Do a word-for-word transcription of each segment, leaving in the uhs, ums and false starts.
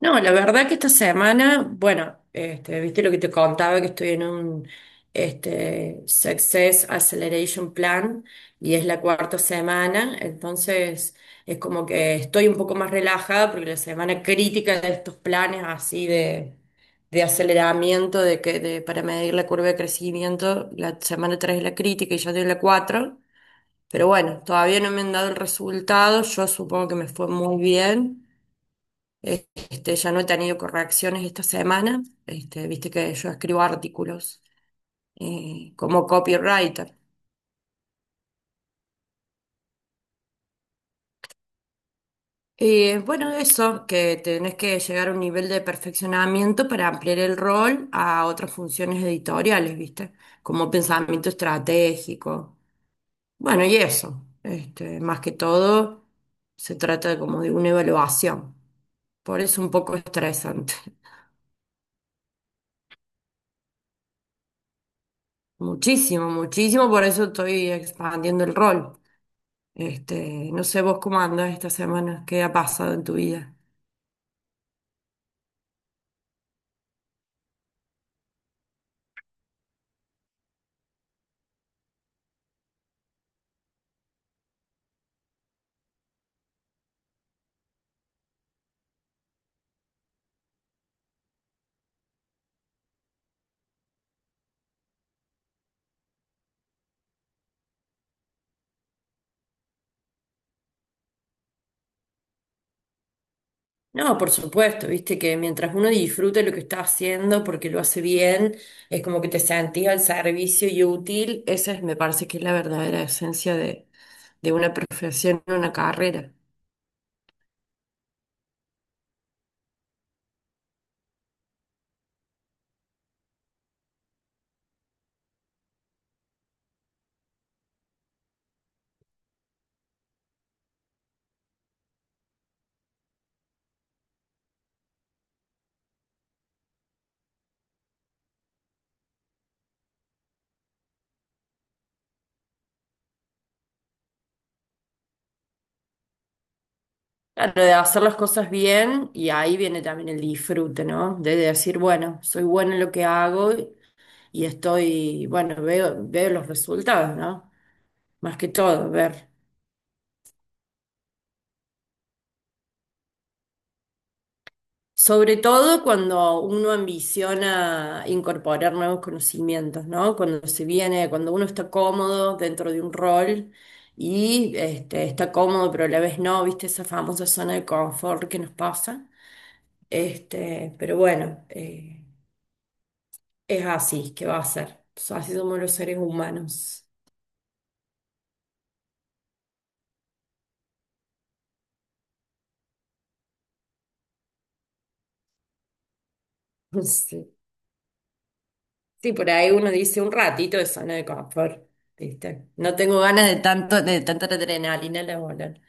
No, la verdad que esta semana, bueno, este, viste lo que te contaba, que estoy en un este, Success Acceleration Plan y es la cuarta semana. Entonces es como que estoy un poco más relajada, porque la semana crítica de estos planes así de, de aceleramiento de que, de, para medir la curva de crecimiento, la semana tres es la crítica y yo doy la cuatro. Pero bueno, todavía no me han dado el resultado, yo supongo que me fue muy bien. Este, ya no he tenido correcciones esta semana. Este, viste que yo escribo artículos eh, como copywriter. Eh, bueno, eso, que tenés que llegar a un nivel de perfeccionamiento para ampliar el rol a otras funciones editoriales, ¿viste? Como pensamiento estratégico. Bueno, y eso, este, más que todo, se trata de como de una evaluación. Por eso un poco estresante. Muchísimo, muchísimo, por eso estoy expandiendo el rol. Este, no sé vos cómo andas esta semana, qué ha pasado en tu vida. No, por supuesto, viste que mientras uno disfrute lo que está haciendo porque lo hace bien, es como que te sentís al servicio y útil. Esa es, me parece que es la verdadera esencia de, de una profesión, una carrera. Claro, de hacer las cosas bien y ahí viene también el disfrute, ¿no? De decir, bueno, soy buena en lo que hago y estoy, bueno, veo, veo los resultados, ¿no? Más que todo, ver. Sobre todo cuando uno ambiciona incorporar nuevos conocimientos, ¿no? Cuando se viene, cuando uno está cómodo dentro de un rol y este, está cómodo, pero a la vez no, ¿viste? Esa famosa zona de confort que nos pasa. Este, pero bueno, eh, es así que va a ser. Así somos los seres humanos. Sí. Sí, por ahí uno dice un ratito de zona de confort, ¿viste? No tengo ganas de tanto, de tanta adrenalina laboral.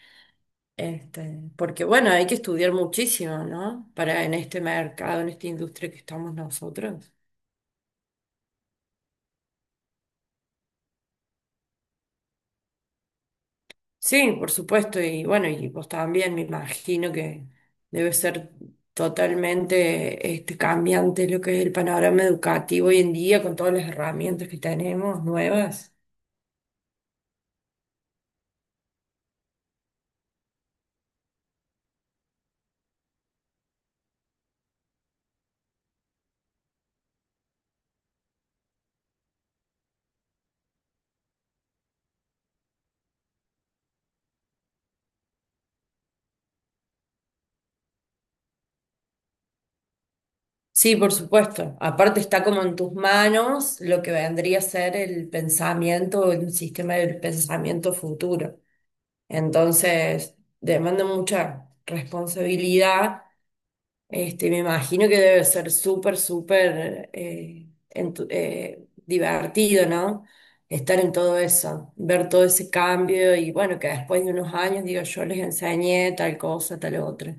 Este, porque bueno, hay que estudiar muchísimo, ¿no? Para en este mercado, en esta industria que estamos nosotros. Sí, por supuesto. Y bueno, y vos también me imagino que debe ser totalmente este, cambiante lo que es el panorama educativo hoy en día, con todas las herramientas que tenemos nuevas. Sí, por supuesto. Aparte está como en tus manos lo que vendría a ser el pensamiento, el sistema del pensamiento futuro. Entonces, demanda mucha responsabilidad. Este, me imagino que debe ser súper, súper eh, entu- eh, divertido, ¿no? Estar en todo eso, ver todo ese cambio. Y bueno, que después de unos años, digo, yo les enseñé tal cosa, tal otra.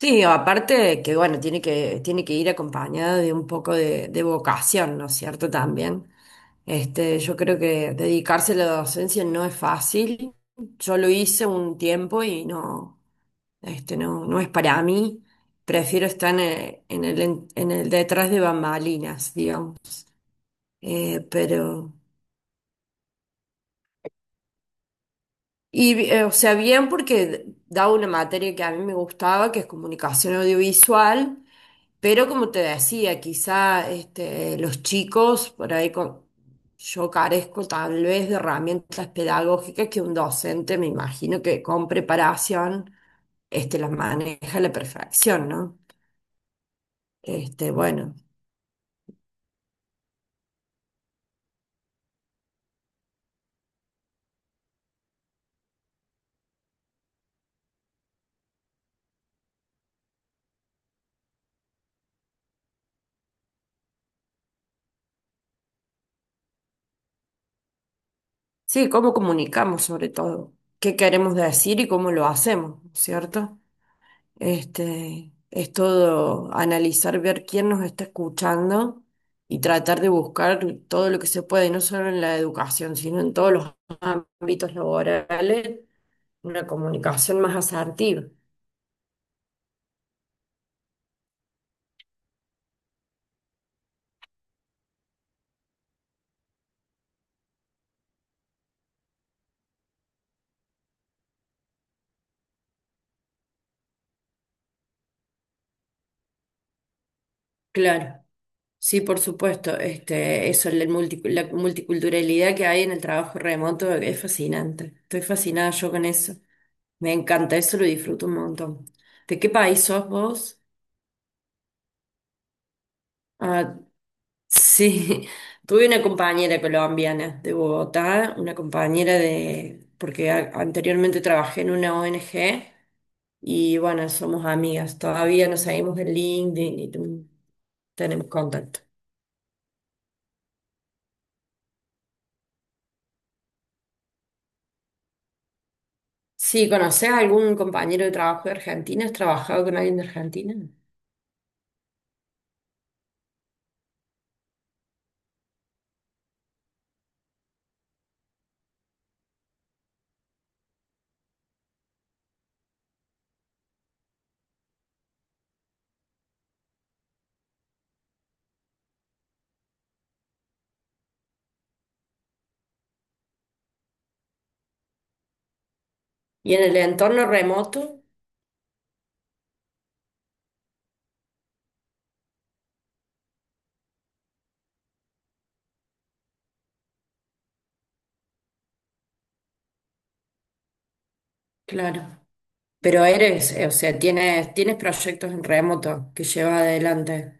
Sí, aparte que bueno, tiene que, tiene que ir acompañada de un poco de, de vocación, ¿no es cierto? También. Este, yo creo que dedicarse a la docencia no es fácil. Yo lo hice un tiempo y no, este, no, no es para mí. Prefiero estar en el, en el, en el detrás de bambalinas, digamos. Eh, pero. Y, eh, o sea, bien porque daba una materia que a mí me gustaba, que es comunicación audiovisual. Pero como te decía, quizá este, los chicos, por ahí con- yo carezco tal vez de herramientas pedagógicas que un docente, me imagino que con preparación, este, las maneja a la perfección, ¿no? Este, bueno, sí, cómo comunicamos sobre todo, qué queremos decir y cómo lo hacemos, ¿cierto? Este, es todo analizar, ver quién nos está escuchando y tratar de buscar todo lo que se puede, no solo en la educación, sino en todos los ámbitos laborales, una comunicación más asertiva. Claro, sí, por supuesto. Este, eso, el multi- la multiculturalidad que hay en el trabajo remoto es fascinante. Estoy fascinada yo con eso. Me encanta, eso lo disfruto un montón. ¿De qué país sos vos? Ah, sí, tuve una compañera colombiana de Bogotá, una compañera de, porque a- anteriormente trabajé en una O N G y bueno, somos amigas, todavía nos seguimos en LinkedIn y ten- tenemos contacto. Sí, ¿conoces a algún compañero de trabajo de Argentina? ¿Has trabajado con alguien de Argentina? Y en el entorno remoto, claro. Pero eres, eh, o sea, tienes, tienes proyectos en remoto que llevas adelante.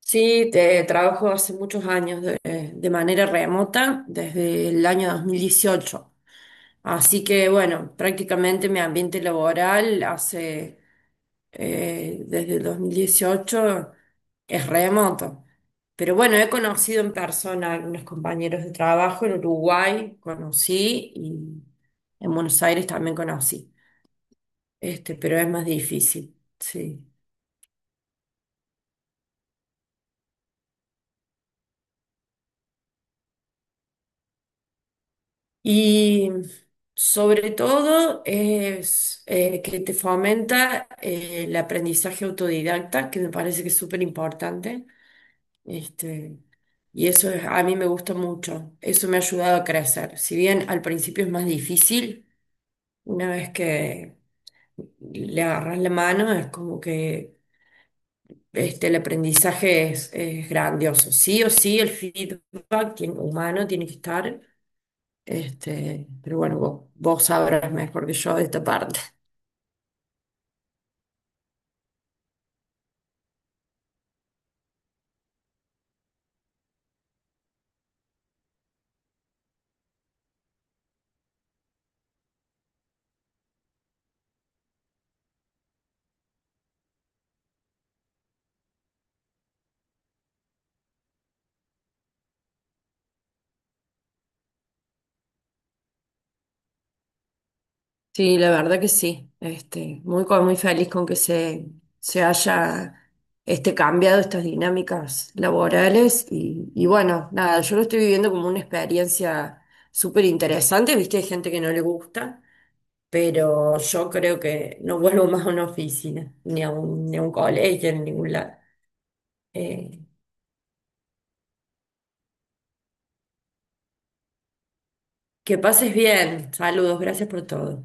Sí, te trabajo hace muchos años de, de manera remota, desde el año dos mil dieciocho. Así que bueno, prácticamente mi ambiente laboral hace eh, desde el dos mil dieciocho es remoto. Pero bueno, he conocido en persona a algunos compañeros de trabajo en Uruguay, conocí. Y en Buenos Aires también conocí. Este, pero es más difícil, sí. Y sobre todo es eh, que te fomenta eh, el aprendizaje autodidacta, que me parece que es súper importante. Este, y eso es- a mí me gusta mucho. Eso me ha ayudado a crecer. Si bien al principio es más difícil, una vez que le agarras la mano, es como que este, el aprendizaje es, es grandioso. Sí o sí, el feedback tiene- humano tiene que estar. Este, pero bueno, vos, vos sabrás mejor que yo de esta parte. Sí, la verdad que sí. Este, muy, co- muy feliz con que se, se haya este, cambiado estas dinámicas laborales. Y, y bueno, nada, yo lo estoy viviendo como una experiencia súper interesante. Viste, hay gente que no le gusta, pero yo creo que no vuelvo más a una oficina, ni a un, ni a un colegio, en ningún lado. Eh, que pases bien. Saludos, gracias por todo.